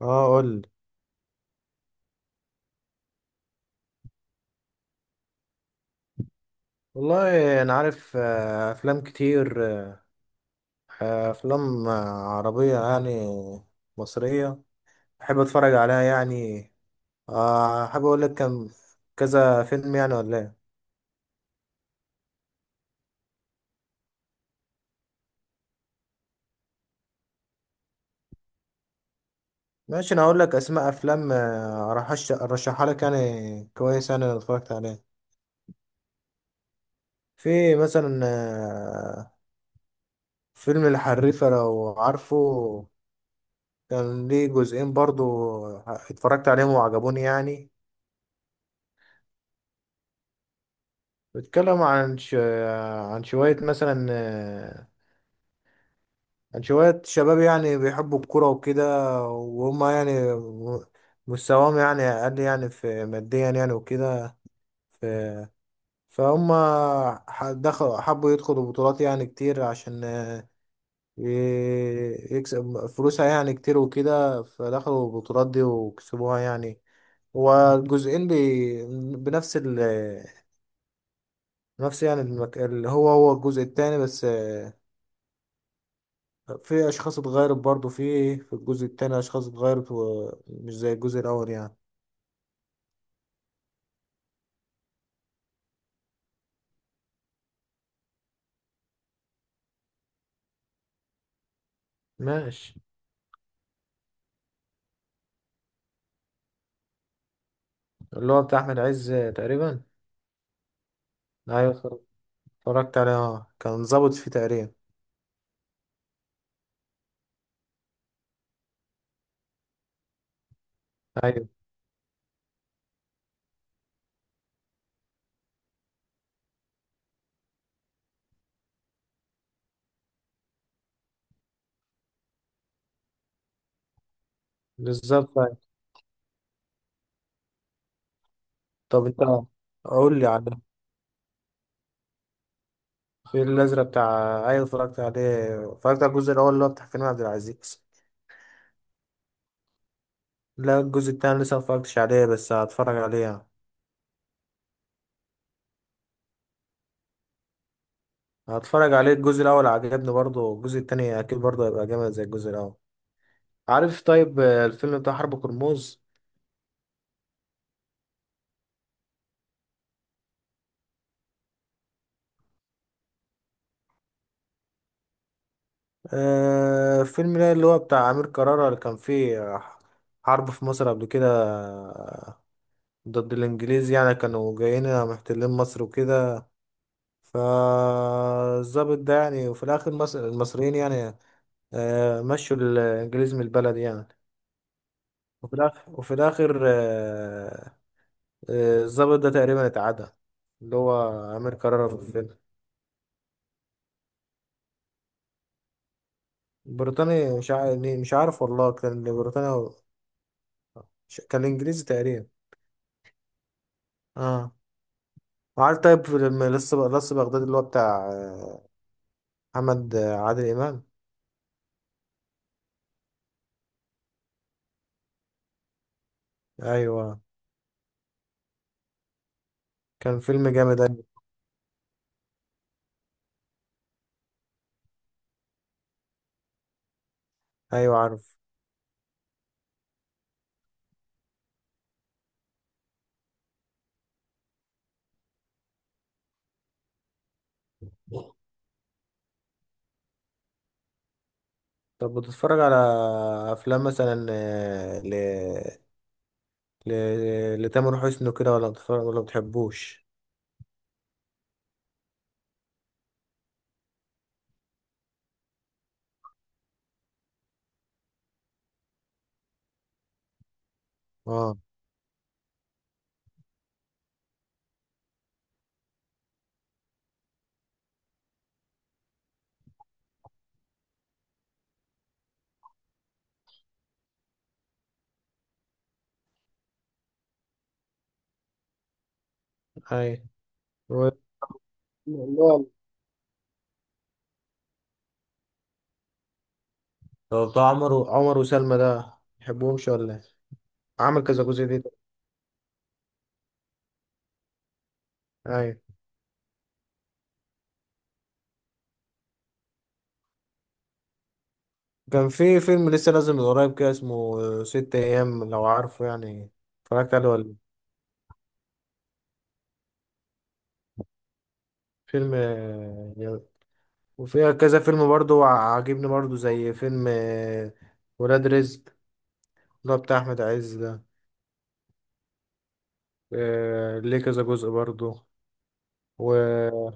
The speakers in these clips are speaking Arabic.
اه قول. والله انا عارف، افلام كتير. آه، افلام آه، عربيه يعني، مصريه. بحب اتفرج عليها يعني. حابب اقول لك كذا فيلم يعني، ولا ايه؟ ماشي، انا هقول لك اسماء افلام، ارشحها لك يعني، كويس يعني، انا اتفرجت عليها. في مثلا فيلم الحريفه، لو عارفه. كان ليه جزئين برضو. اتفرجت عليهم وعجبوني يعني. بيتكلم عن شوية مثلا، عن شوية شباب يعني بيحبوا الكرة وكده. وهم يعني مستواهم يعني أقل يعني في ماديا يعني وكده. ف... فهم حبوا يدخلوا بطولات يعني كتير، عشان يكسب فلوسها يعني كتير وكده، فدخلوا البطولات دي وكسبوها يعني. والجزئين بنفس ال... نفس يعني المك... اللي هو الجزء التاني، بس في اشخاص اتغيرت برضو. في إيه؟ في الجزء التاني اشخاص اتغيرت ومش زي الجزء الاول يعني. ماشي. اللي هو بتاع احمد عز تقريبا. ايوه، اتفرجت عليه، اه، كان ظابط فيه تقريبا. ايوه، بالظبط، أيوة. طب انت، قول لي على الفيل الازرق بتاع، ايوه اتفرجت عليه، اتفرجت على الجزء الاول اللي هو بتاع كريم عبد العزيز. لا، الجزء التاني لسه متفرجتش عليه، بس هتفرج عليه يعني. هتفرج عليه. الجزء الاول عجبني برضه، الجزء التاني اكيد برضه هيبقى جامد زي الجزء الاول. عارف؟ طيب، الفيلم بتاع حرب كرموز. فيلم ده اللي هو بتاع أمير كرارة، اللي كان فيه حرب في مصر قبل كده ضد الإنجليز يعني. كانوا جايين محتلين مصر وكده. فالظابط ده يعني، وفي الآخر مصر المصريين يعني، آه، مشوا الإنجليز من البلد يعني. وفي الآخر، الظابط ده تقريبا اتعدى، اللي هو أمير كرارة في الفيلم. بريطاني، مش عارف، مش عارف والله، كان بريطاني كان إنجليزي تقريبا. اه. عارف؟ طيب لما، لسه بغداد اللي هو بتاع آه، محمد آه، عادل إمام. أيوة، كان فيلم جامد أوي. أيوة، عارف. طب بتتفرج على أفلام مثلا آه، ل ل لتامر حسني كده، ولا بتتفرج، ولا بتحبوش؟ اه. أي. و- والله. طب بتاع عمر وسلمى ده بتحبهمش، ولا إيه؟ عمل كذا جزء دي. أي. كان في فيلم لسه نازل من قريب كده، اسمه ست أيام، لو عارفه يعني. اتفرجت عليه ولا؟ فيلم آه، وفيها كذا فيلم برضو عاجبني برضو، زي فيلم ولاد رزق، اللي هو بتاع أحمد عز ده. ليه كذا جزء برضو. و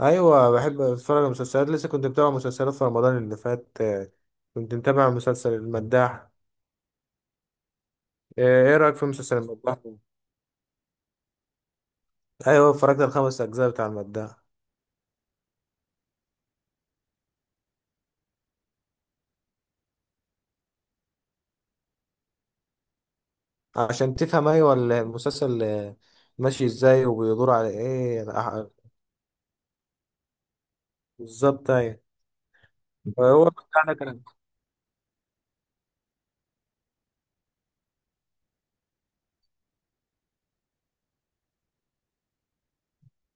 أيوة، بحب أتفرج على مسلسلات. لسه كنت متابع مسلسلات في رمضان اللي فات. كنت متابع مسلسل المداح. إيه رأيك في مسلسل المداح؟ أيوة، اتفرجت على الخمس أجزاء بتاع المداح. عشان تفهم، أيوة، ال- المسلسل ماشي إزاي، وبيدور على إيه. بالظبط، أيوة. هو بتاعنا كان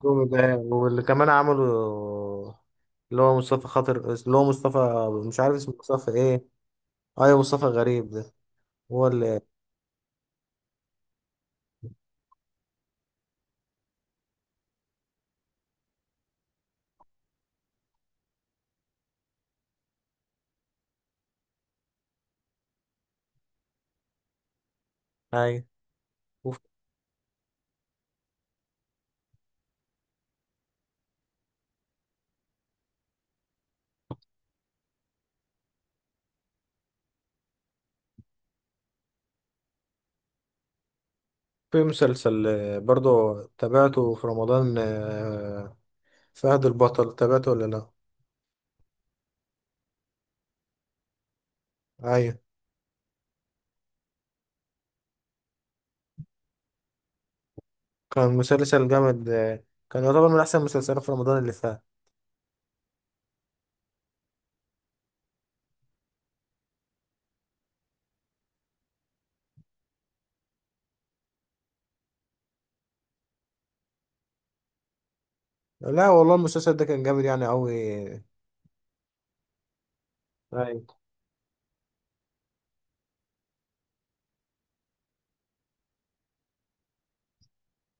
دومي ده، واللي كمان عملوا اللي هو مصطفى خاطر، اللي هو مش عارف اسمه مصطفى ايه. ايوه مصطفى غريب ده. هو اللي، ايوه. وفي مسلسل برضو تابعته في رمضان. فهد البطل، تابعته ولا لا؟ ايوه، كان مسلسل جامد. كان يعتبر من احسن المسلسلات في رمضان اللي فات. لا والله، المسلسل ده كان جامد يعني قوي. ايوه.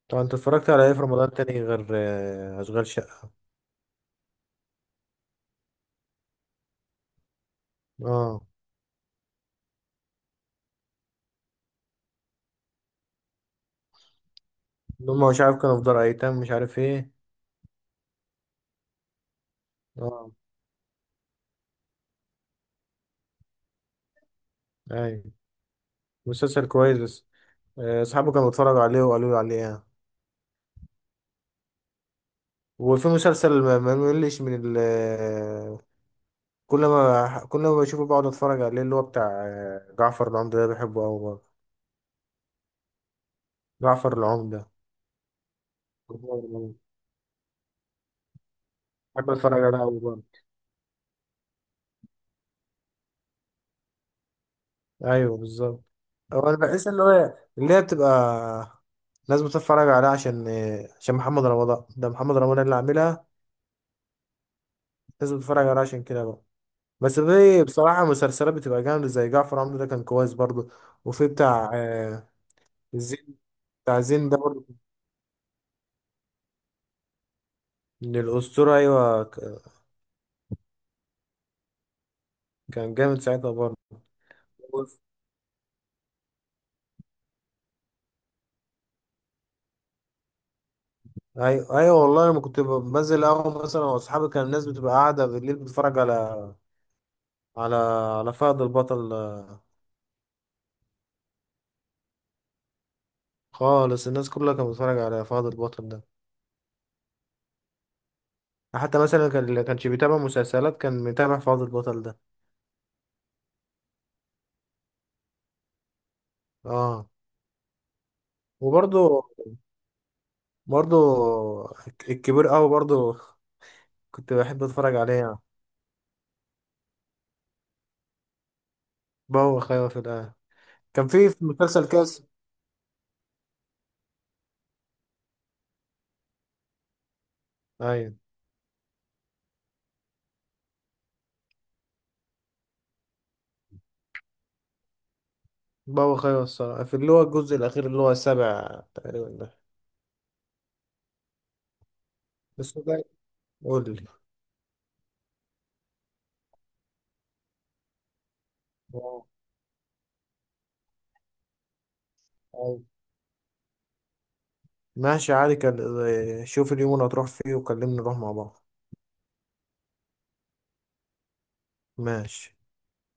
طب انت اتفرجت على ايه في رمضان تاني غير اشغال شقة؟ اه. اللي هم مش عارف كانوا في دار ايتام مش عارف ايه. اه. ايوه، مسلسل كويس، بس اصحابه كانوا بيتفرجوا عليه وقالوا لي عليه يعني. وفي مسلسل ما ملش من ال آه، كل ما بشوفه بقعد اتفرج عليه، اللي هو بتاع جعفر العمدة ده، بحبه قوي برضه. جعفر العمدة. جعفر العمدة. بحب اتفرج عليه قوي برضه. ايوه، بالظبط. هو انا بحس اللي هو، اللي هي بتبقى لازم تتفرج عليها عشان، عشان محمد رمضان ده، محمد رمضان اللي عاملها، لازم تتفرج عليها عشان كده. بس في بصراحة مسلسلات بتبقى جامدة، زي جعفر عمده ده، كان كويس برضو. وفي بتاع زين. بتاع زين ده برضو، من الأسطورة، أيوة. كان جامد ساعتها برضو. أيوة أيوة، والله لما كنت بنزل قهوة مثلا وأصحابي، كان الناس بتبقى قاعدة بالليل بتتفرج على، على على فهد البطل. خالص، الناس كلها كانت بتتفرج على فهد البطل ده. حتى مثلا كان اللي كانش بيتابع مسلسلات كان متابع فهد البطل ده. اه. وبرضو برضو الكبير قوي برضو كنت بحب اتفرج عليها. بوخ، ايوه في الآخر. كان في مسلسل كاس. ايوه، بوخ، ايوه الصراحة، في اللي هو الجزء الأخير، اللي هو السابع تقريبا ده. بس ده، قول لي. آه، أيوة. ماشي، عادي. كان شوف اليوم اللي هتروح فيه وكلمني نروح مع بعض. ماشي.